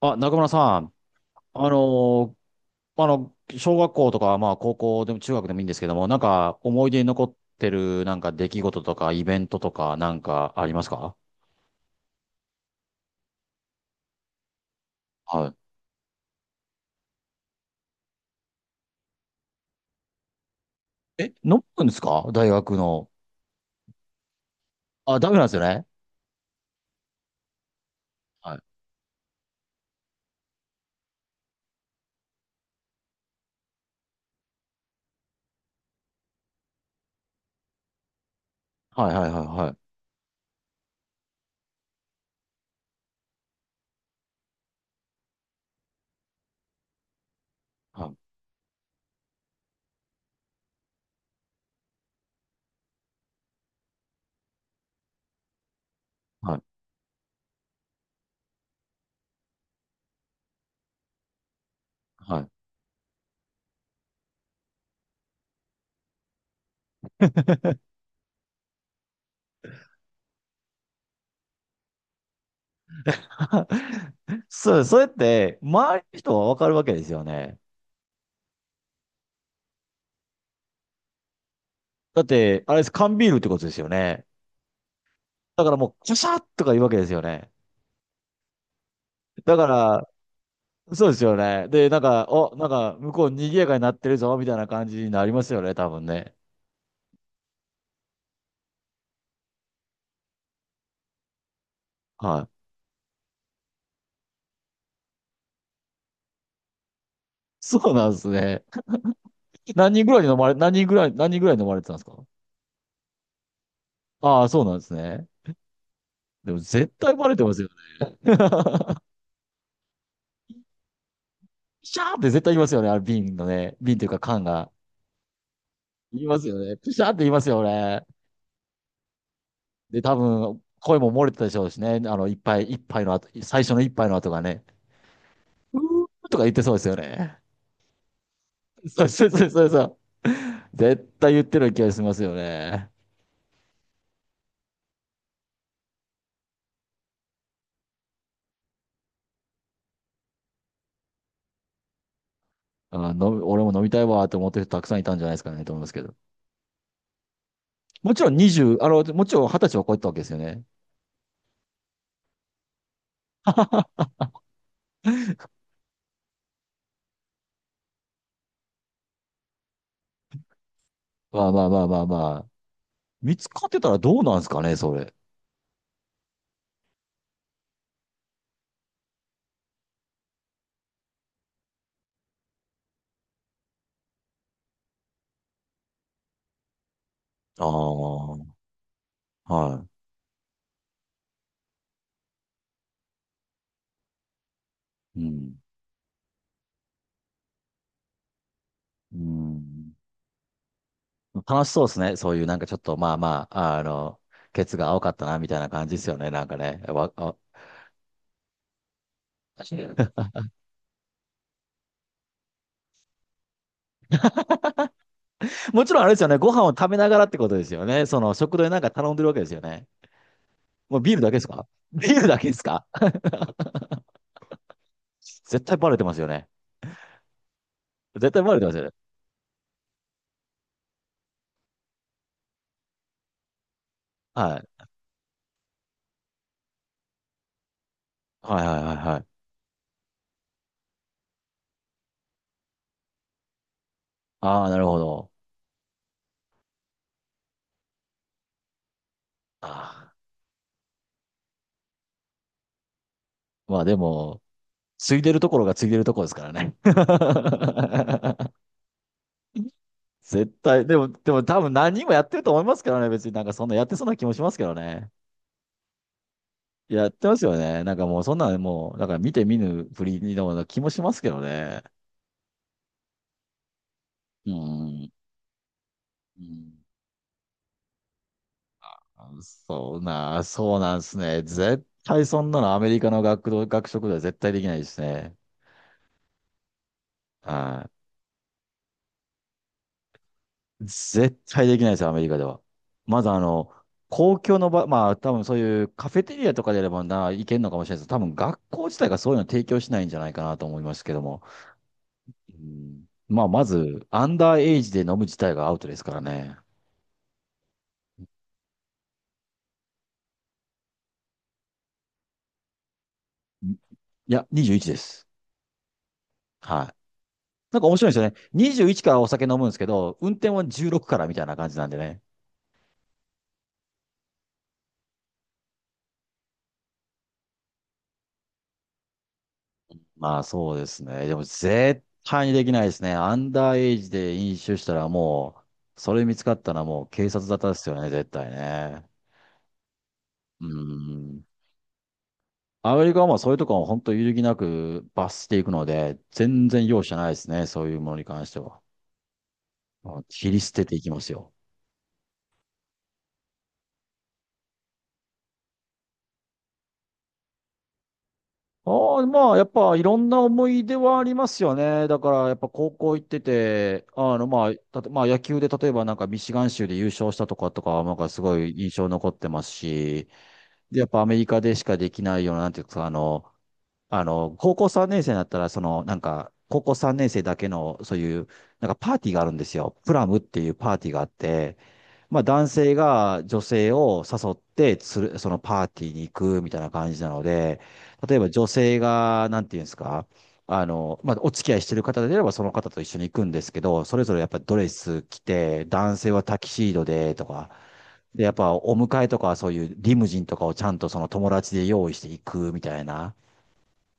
あ、中村さん、あの小学校とか、まあ、高校でも中学でもいいんですけども、なんか、思い出に残ってる、なんか、出来事とか、イベントとか、なんか、ありますか？はい。え、飲むんですか、大学の？あ、ダメなんですよね。はい。はいはいはいはい。はい。はいはい。 そう、それって、周りの人はわかるわけですよね。だって、あれです、缶ビールってことですよね。だからもう、シャシャッとか言うわけですよね。だから、そうですよね。で、なんか、なんか、向こう賑やかになってるぞ、みたいな感じになりますよね、多分ね。はい。そうなんですね。何人ぐらいに飲まれてたんですか？ああ、そうなんですね。でも絶対バレてますよね。シャーって絶対言いますよね、あれ瓶のね。瓶というか缶が。言いますよね。プシャーって言いますよね。で、多分、声も漏れてたでしょうしね。一杯、一杯の後、最初の一杯の後がね。うーとか言ってそうですよね。そうそうそうそうそう。絶対言ってる気がしますよね。あ、俺も飲みたいわって思ってる人たくさんいたんじゃないですかねと思いますけど。もちろん20歳は超えてたわけですよね。まあまあまあまあまあ。見つかってたらどうなんですかね、それ。ああ、はい。うん。うん。楽しそうですね。そういうなんかちょっとまあまあ、ケツが青かったな、みたいな感じですよね。なんかね。もちろんあれですよね。ご飯を食べながらってことですよね。その食堂でなんか頼んでるわけですよね。もうビールだけですか？ ビールだけですか？ 絶対バレてますよね。絶対バレてますよね。はい。はいはいはいはい。ああ、なるほど。あまあでも、ついでるところがついでるところですからね。絶対、でも多分何人もやってると思いますからね。別になんかそんなやってそうな気もしますけどね。やってますよね。なんかもうそんなのもう、なんか見て見ぬふりのような気もしますけどね。うん。うん、そうなんですね。絶対そんなの、アメリカの学食では絶対できないですね。はい。絶対できないですよ、アメリカでは。まず公共の場、まあ多分そういうカフェテリアとかであればな、いけるのかもしれないです。多分学校自体がそういうの提供しないんじゃないかなと思いますけども。うん、まあまず、アンダーエイジで飲む自体がアウトですからね。いや、21です。はい。なんか面白いですよね。21からお酒飲むんですけど、運転は16からみたいな感じなんでね。まあそうですね。でも絶対にできないですね。アンダーエイジで飲酒したらもう、それ見つかったらもう警察沙汰ですよね、絶対ね。うん。アメリカはまあそういうとこは本当揺るぎなく罰していくので、全然容赦ないですね、そういうものに関しては。まあ切り捨てていきますよ。ああ、まあ、やっぱいろんな思い出はありますよね。だから、やっぱ高校行ってて、まあ、まあ、野球で例えばなんかミシガン州で優勝したとかは、なんかすごい印象残ってますし、で、やっぱアメリカでしかできないような、なんていうか、高校3年生になったら、その、なんか、高校3年生だけの、そういう、なんかパーティーがあるんですよ。プラムっていうパーティーがあって、まあ男性が女性を誘ってそのパーティーに行くみたいな感じなので、例えば女性が、なんていうんですか、まあお付き合いしてる方であればその方と一緒に行くんですけど、それぞれやっぱドレス着て、男性はタキシードでとか、で、やっぱお迎えとかそういうリムジンとかをちゃんとその友達で用意していくみたいな。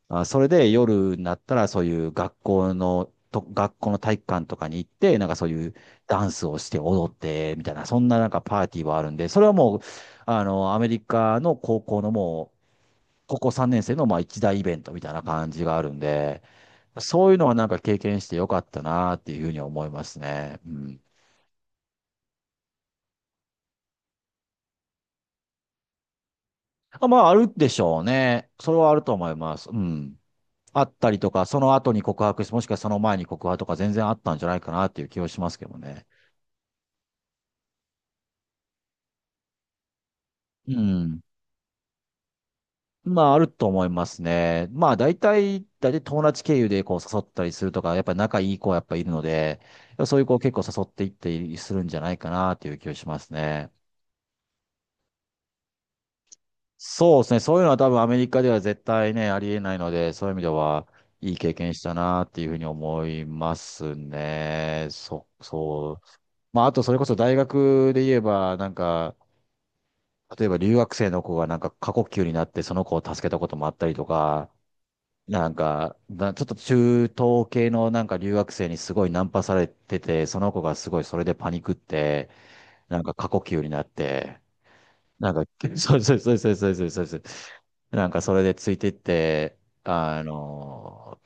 あ、それで夜になったらそういう学校の体育館とかに行って、なんかそういうダンスをして踊って、みたいな、そんななんかパーティーはあるんで、それはもう、アメリカの高校のもう、高校3年生のまあ一大イベントみたいな感じがあるんで、そういうのはなんか経験してよかったなっていうふうに思いますね。うん。あ、まあ、あるでしょうね。それはあると思います。うん。あったりとか、その後に告白して、もしくはその前に告白とか全然あったんじゃないかなっていう気はしますけどね。うん。まあ、あると思いますね。まあ、大体友達経由でこう誘ったりするとか、やっぱり仲いい子はやっぱいるので、そういう子を結構誘っていったりするんじゃないかなという気がしますね。そうですね。そういうのは多分アメリカでは絶対ね、ありえないので、そういう意味では、いい経験したなっていうふうに思いますね。そう。まあ、あとそれこそ大学で言えば、なんか、例えば留学生の子がなんか過呼吸になってその子を助けたこともあったりとか、なんか、ちょっと中東系のなんか留学生にすごいナンパされてて、その子がすごいそれでパニクって、なんか過呼吸になって、なんか、そうそうそうそうそうそうそうそう。なんかそれでついてって、あの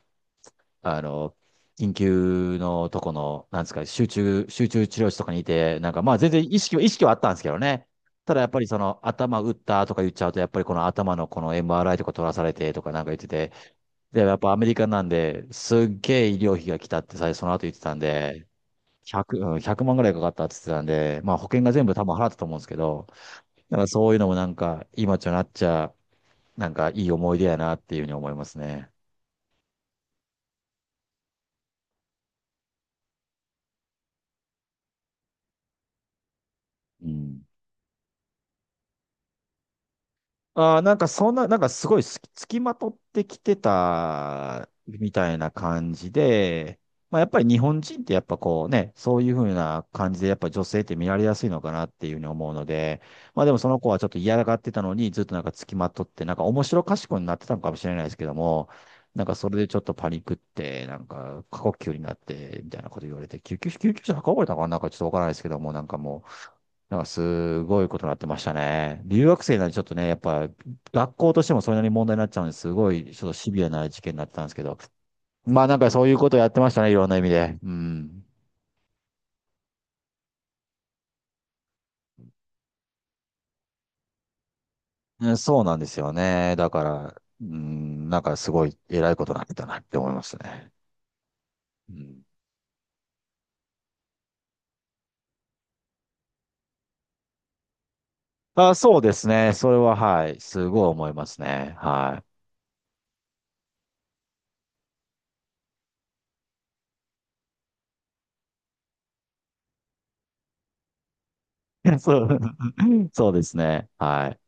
あの緊急のとこの、なんですか、集中治療室とかにいて、なんかまあ全然意識はあったんですけどね。ただやっぱりその頭打ったとか言っちゃうと、やっぱりこの頭のこの MRI とか取らされてとかなんか言ってて、で、やっぱアメリカなんで、すっげえ医療費が来たって最初その後言ってたんで、100、うん、1万ぐらいかかったって言ってたんで、まあ保険が全部多分払ったと思うんですけど、だからそういうのもなんか、今となっちゃ、なんかいい思い出やなっていうふうに思いますね。うん。ああ、なんかそんな、なんかすごいすき付きまとってきてたみたいな感じで、まあやっぱり日本人ってやっぱこうね、そういうふうな感じでやっぱ女性って見られやすいのかなっていうふうに思うので、まあでもその子はちょっと嫌がってたのにずっとなんか付きまとって、なんか面白かしこになってたのかもしれないですけども、なんかそれでちょっとパニックって、なんか過呼吸になってみたいなこと言われて、救急車運ばれたのかな、なんかちょっとわからないですけども、なんかもう、なんかすごいことになってましたね。留学生なんでちょっとね、やっぱ学校としてもそれなりに問題になっちゃうんで、すごいちょっとシビアな事件になってたんですけど。まあなんかそういうことをやってましたね、いろんな意味で。うん。うん、そうなんですよね。だから、うん、なんかすごい偉いことになってたなって思いますね。うん、あ、そうですね。それははい。すごい思いますね。はい。そう、そうですね。はい。